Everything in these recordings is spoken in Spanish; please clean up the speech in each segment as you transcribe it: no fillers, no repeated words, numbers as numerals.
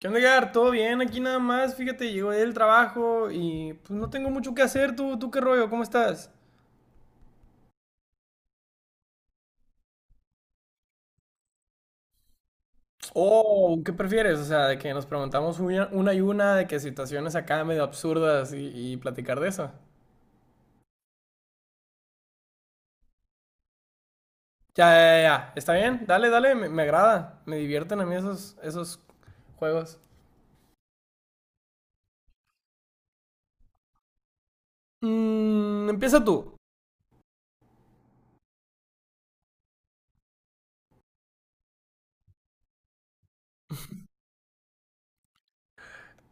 ¿Qué onda, Edgar? ¿Todo bien? Aquí nada más, fíjate, llegó del trabajo y pues no tengo mucho que hacer. ¿Tú qué rollo? ¿Cómo estás? Oh, ¿qué prefieres? O sea, de que nos preguntamos una y una, de que situaciones acá medio absurdas y platicar de eso. Ya, ya, ya, ya. ¿Está bien? Dale, dale, me agrada. Me divierten a mí esos juegos. Empieza tú,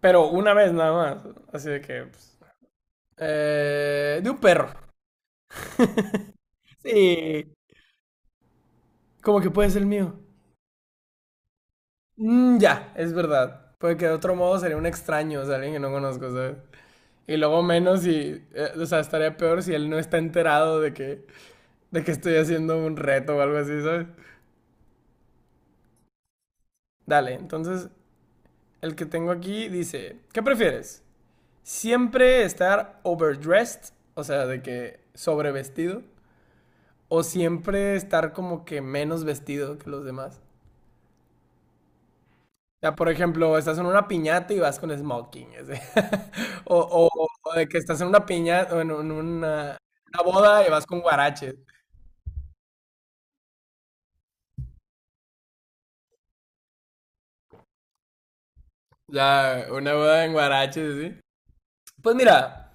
pero una vez nada más. Así de que, pues, de un perro. Sí, como que puede ser el mío. Mm, ya, es verdad. Porque de otro modo sería un extraño, o sea, alguien que no conozco, ¿sabes? Y luego menos si, o sea, estaría peor si él no está enterado de que estoy haciendo un reto o algo así, ¿sabes? Dale, entonces el que tengo aquí dice, ¿qué prefieres? ¿Siempre estar overdressed, o sea, de que sobrevestido, o siempre estar como que menos vestido que los demás? Ya, por ejemplo, estás en una piñata y vas con smoking. Ese. O, o- o de que estás en una piñata, o en una boda y vas con guaraches. Ya, una boda en guaraches, ¿sí? Pues mira,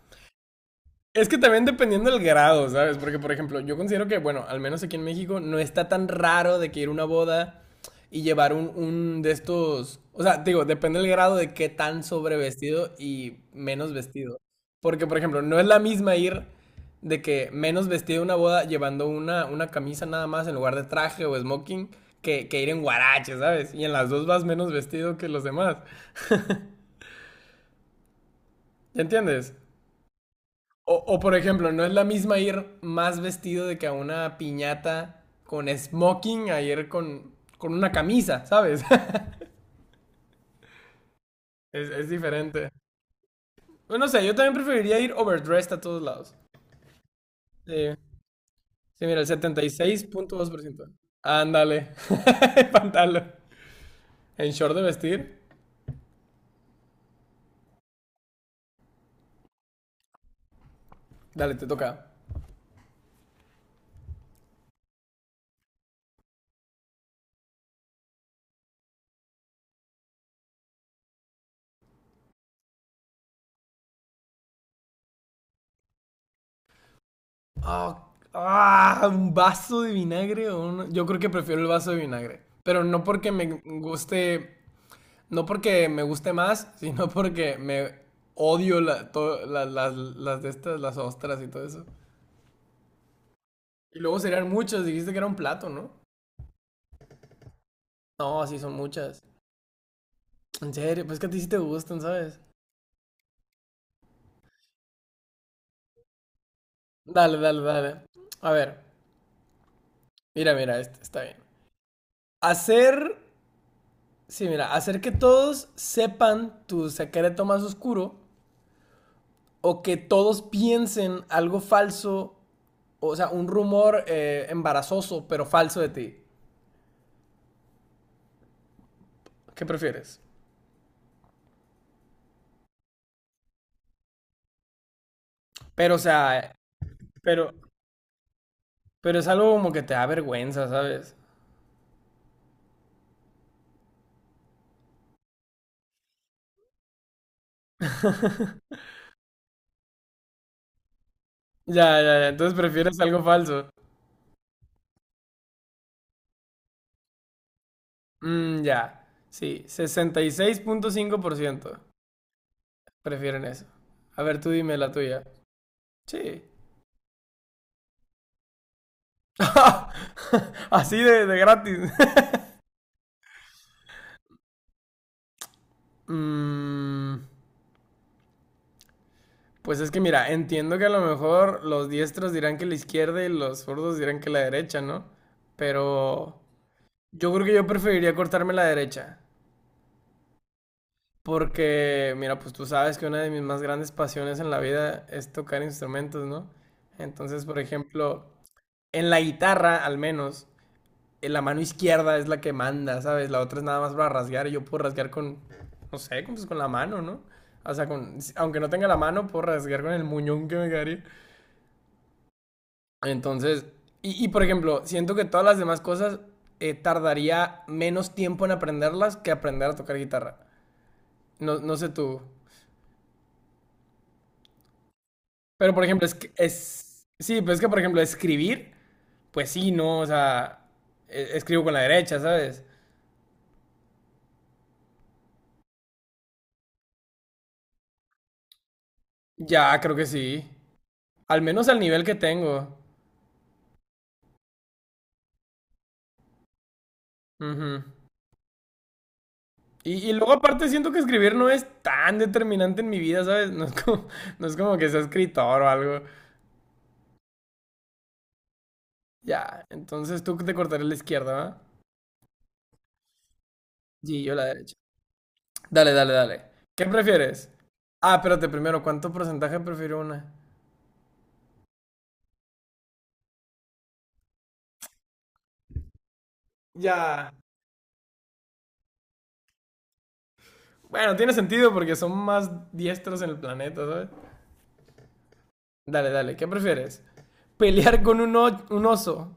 es que también dependiendo del grado, ¿sabes? Porque, por ejemplo, yo considero que, bueno, al menos aquí en México no está tan raro de que ir a una boda y llevar un de estos. O sea, digo, depende del grado de qué tan sobrevestido y menos vestido. Porque, por ejemplo, no es la misma ir de que menos vestido a una boda llevando una camisa nada más en lugar de traje o smoking que ir en guarache, ¿sabes? Y en las dos vas menos vestido que los demás. ¿Ya entiendes? O, por ejemplo, no es la misma ir más vestido de que a una piñata con smoking a ir con una camisa, ¿sabes? Es diferente. Bueno, no sé, yo también preferiría ir overdressed a todos lados. Sí, sí mira, el 76.2%. Ándale, pantalón. En short de vestir, dale, te toca. Oh, ah, un vaso de vinagre o un. Yo creo que prefiero el vaso de vinagre. Guste No porque me guste más, sino porque me odio la, to- la- las de estas, las ostras y todo eso. Y luego serían muchas, dijiste que era un plato, ¿no? No, sí son muchas. En serio, pues que a ti sí te gustan, ¿sabes? Dale, dale, dale. A ver, mira, mira, este está bien. Hacer, sí, mira, hacer que todos sepan tu secreto más oscuro o que todos piensen algo falso, o sea, un rumor embarazoso pero falso de ti. ¿Qué prefieres? Pero, o sea, pero, pero es algo como que te da vergüenza, ¿sabes? Ya, ya, ya. Entonces prefieres algo falso. Mm, ya. Sí, 66.5% prefieren eso. A ver, tú dime la tuya. Sí. Así de gratis. Mm, pues es que mira, entiendo que a lo mejor los diestros dirán que la izquierda y los zurdos dirán que la derecha, ¿no? Pero yo creo que yo preferiría cortarme la derecha. Porque, mira, pues tú sabes que una de mis más grandes pasiones en la vida es tocar instrumentos, ¿no? Entonces, por ejemplo, en la guitarra, al menos, en la mano izquierda es la que manda, ¿sabes? La otra es nada más para rasguear y yo puedo rasguear con, no sé, con, pues, con la mano, ¿no? O sea, con, aunque no tenga la mano, puedo rasguear con el muñón que me quedaría. Entonces, y, por ejemplo, siento que todas las demás cosas tardaría menos tiempo en aprenderlas que aprender a tocar guitarra. No, no sé tú. Pero, por ejemplo, Sí, pero es que, por ejemplo, escribir, pues sí, ¿no? O sea, escribo con la derecha, ¿sabes? Ya, creo que sí. Al menos al nivel que tengo. Ujú. Y luego aparte siento que escribir no es tan determinante en mi vida, ¿sabes? No es como, no es como que sea escritor o algo. Ya, entonces tú te cortarás la izquierda, ¿va? Sí, yo la derecha. Dale, dale, dale. ¿Qué prefieres? Ah, espérate, primero, ¿cuánto porcentaje prefirió una? Ya, bueno, tiene sentido porque son más diestros en el planeta, ¿sabes? Dale, dale, ¿qué prefieres? ¿Pelear con un oso?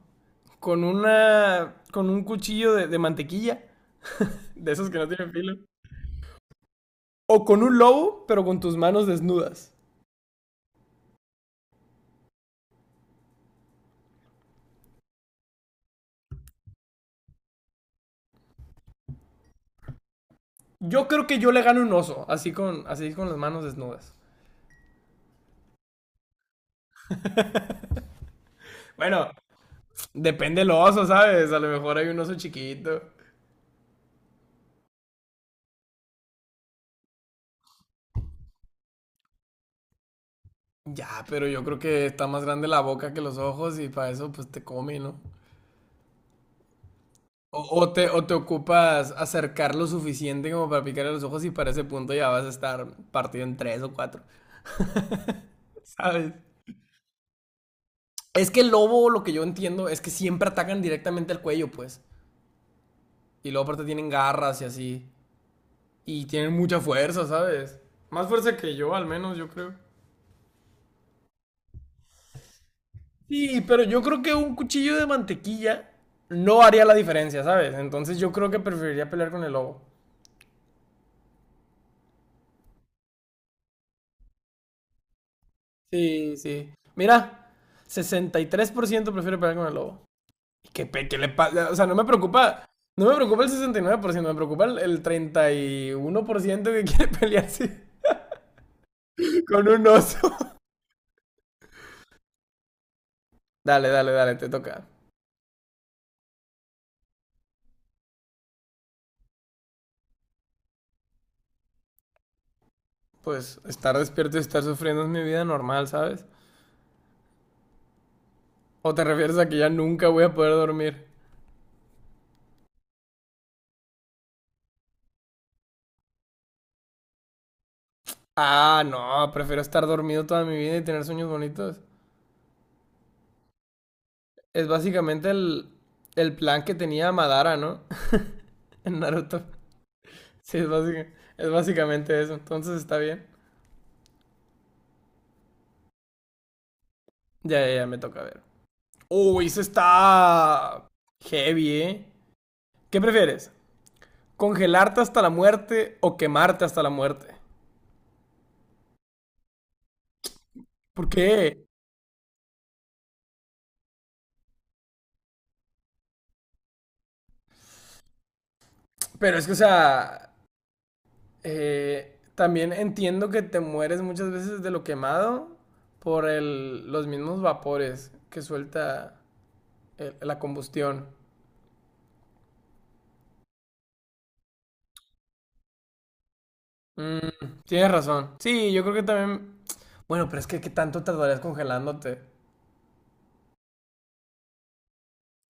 ¿Con un cuchillo de mantequilla? De esos que no tienen filo. ¿O con un lobo, pero con tus manos desnudas? Yo creo que yo le gano un oso, así con las manos desnudas. Bueno, depende del oso, ¿sabes? A lo mejor hay un oso chiquito. Ya, pero yo creo que está más grande la boca que los ojos y para eso pues te come, ¿no? O te ocupas acercar lo suficiente como para picarle los ojos y para ese punto ya vas a estar partido en tres o cuatro, ¿sabes? Es que el lobo, lo que yo entiendo, es que siempre atacan directamente al cuello, pues. Y luego aparte tienen garras y así. Y tienen mucha fuerza, ¿sabes? Más fuerza que yo, al menos, yo creo. Sí, pero yo creo que un cuchillo de mantequilla no haría la diferencia, ¿sabes? Entonces yo creo que preferiría pelear con el lobo. Sí, sí. Mira, 63% prefiere pelear con el lobo. ¿Qué le pasa? O sea, no me preocupa. No me preocupa el 69%, me preocupa el 31% que quiere pelearse con un oso. Dale, dale, dale, te toca. Pues estar despierto y estar sufriendo es mi vida normal, ¿sabes? ¿O te refieres a que ya nunca voy a poder dormir? Ah, no, prefiero estar dormido toda mi vida y tener sueños bonitos. Es básicamente el plan que tenía Madara, ¿no? En Naruto. Sí, es básicamente eso. Entonces está bien. Ya, ya, ya, me toca ver. Uy, eso está heavy, ¿eh? ¿Qué prefieres? ¿Congelarte hasta la muerte o quemarte hasta la muerte? ¿Por qué? Pero es que, o sea, también entiendo que te mueres muchas veces de lo quemado por los mismos vapores que suelta la combustión. Tienes razón. Sí, yo creo que también. Bueno, pero es que ¿qué tanto tardarías congelándote?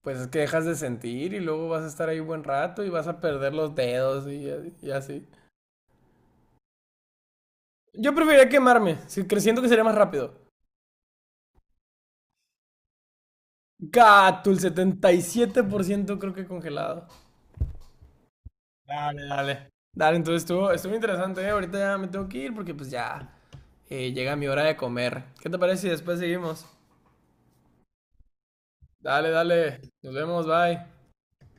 Pues es que dejas de sentir y luego vas a estar ahí buen rato y vas a perder los dedos y así. Yo preferiría quemarme, creciendo que sería más rápido. Gato, el 77% creo que congelado. Dale, dale. Dale, entonces estuvo interesante, ¿eh? Ahorita ya me tengo que ir porque pues ya llega mi hora de comer. ¿Qué te parece si después seguimos? Dale, dale. Nos vemos, bye.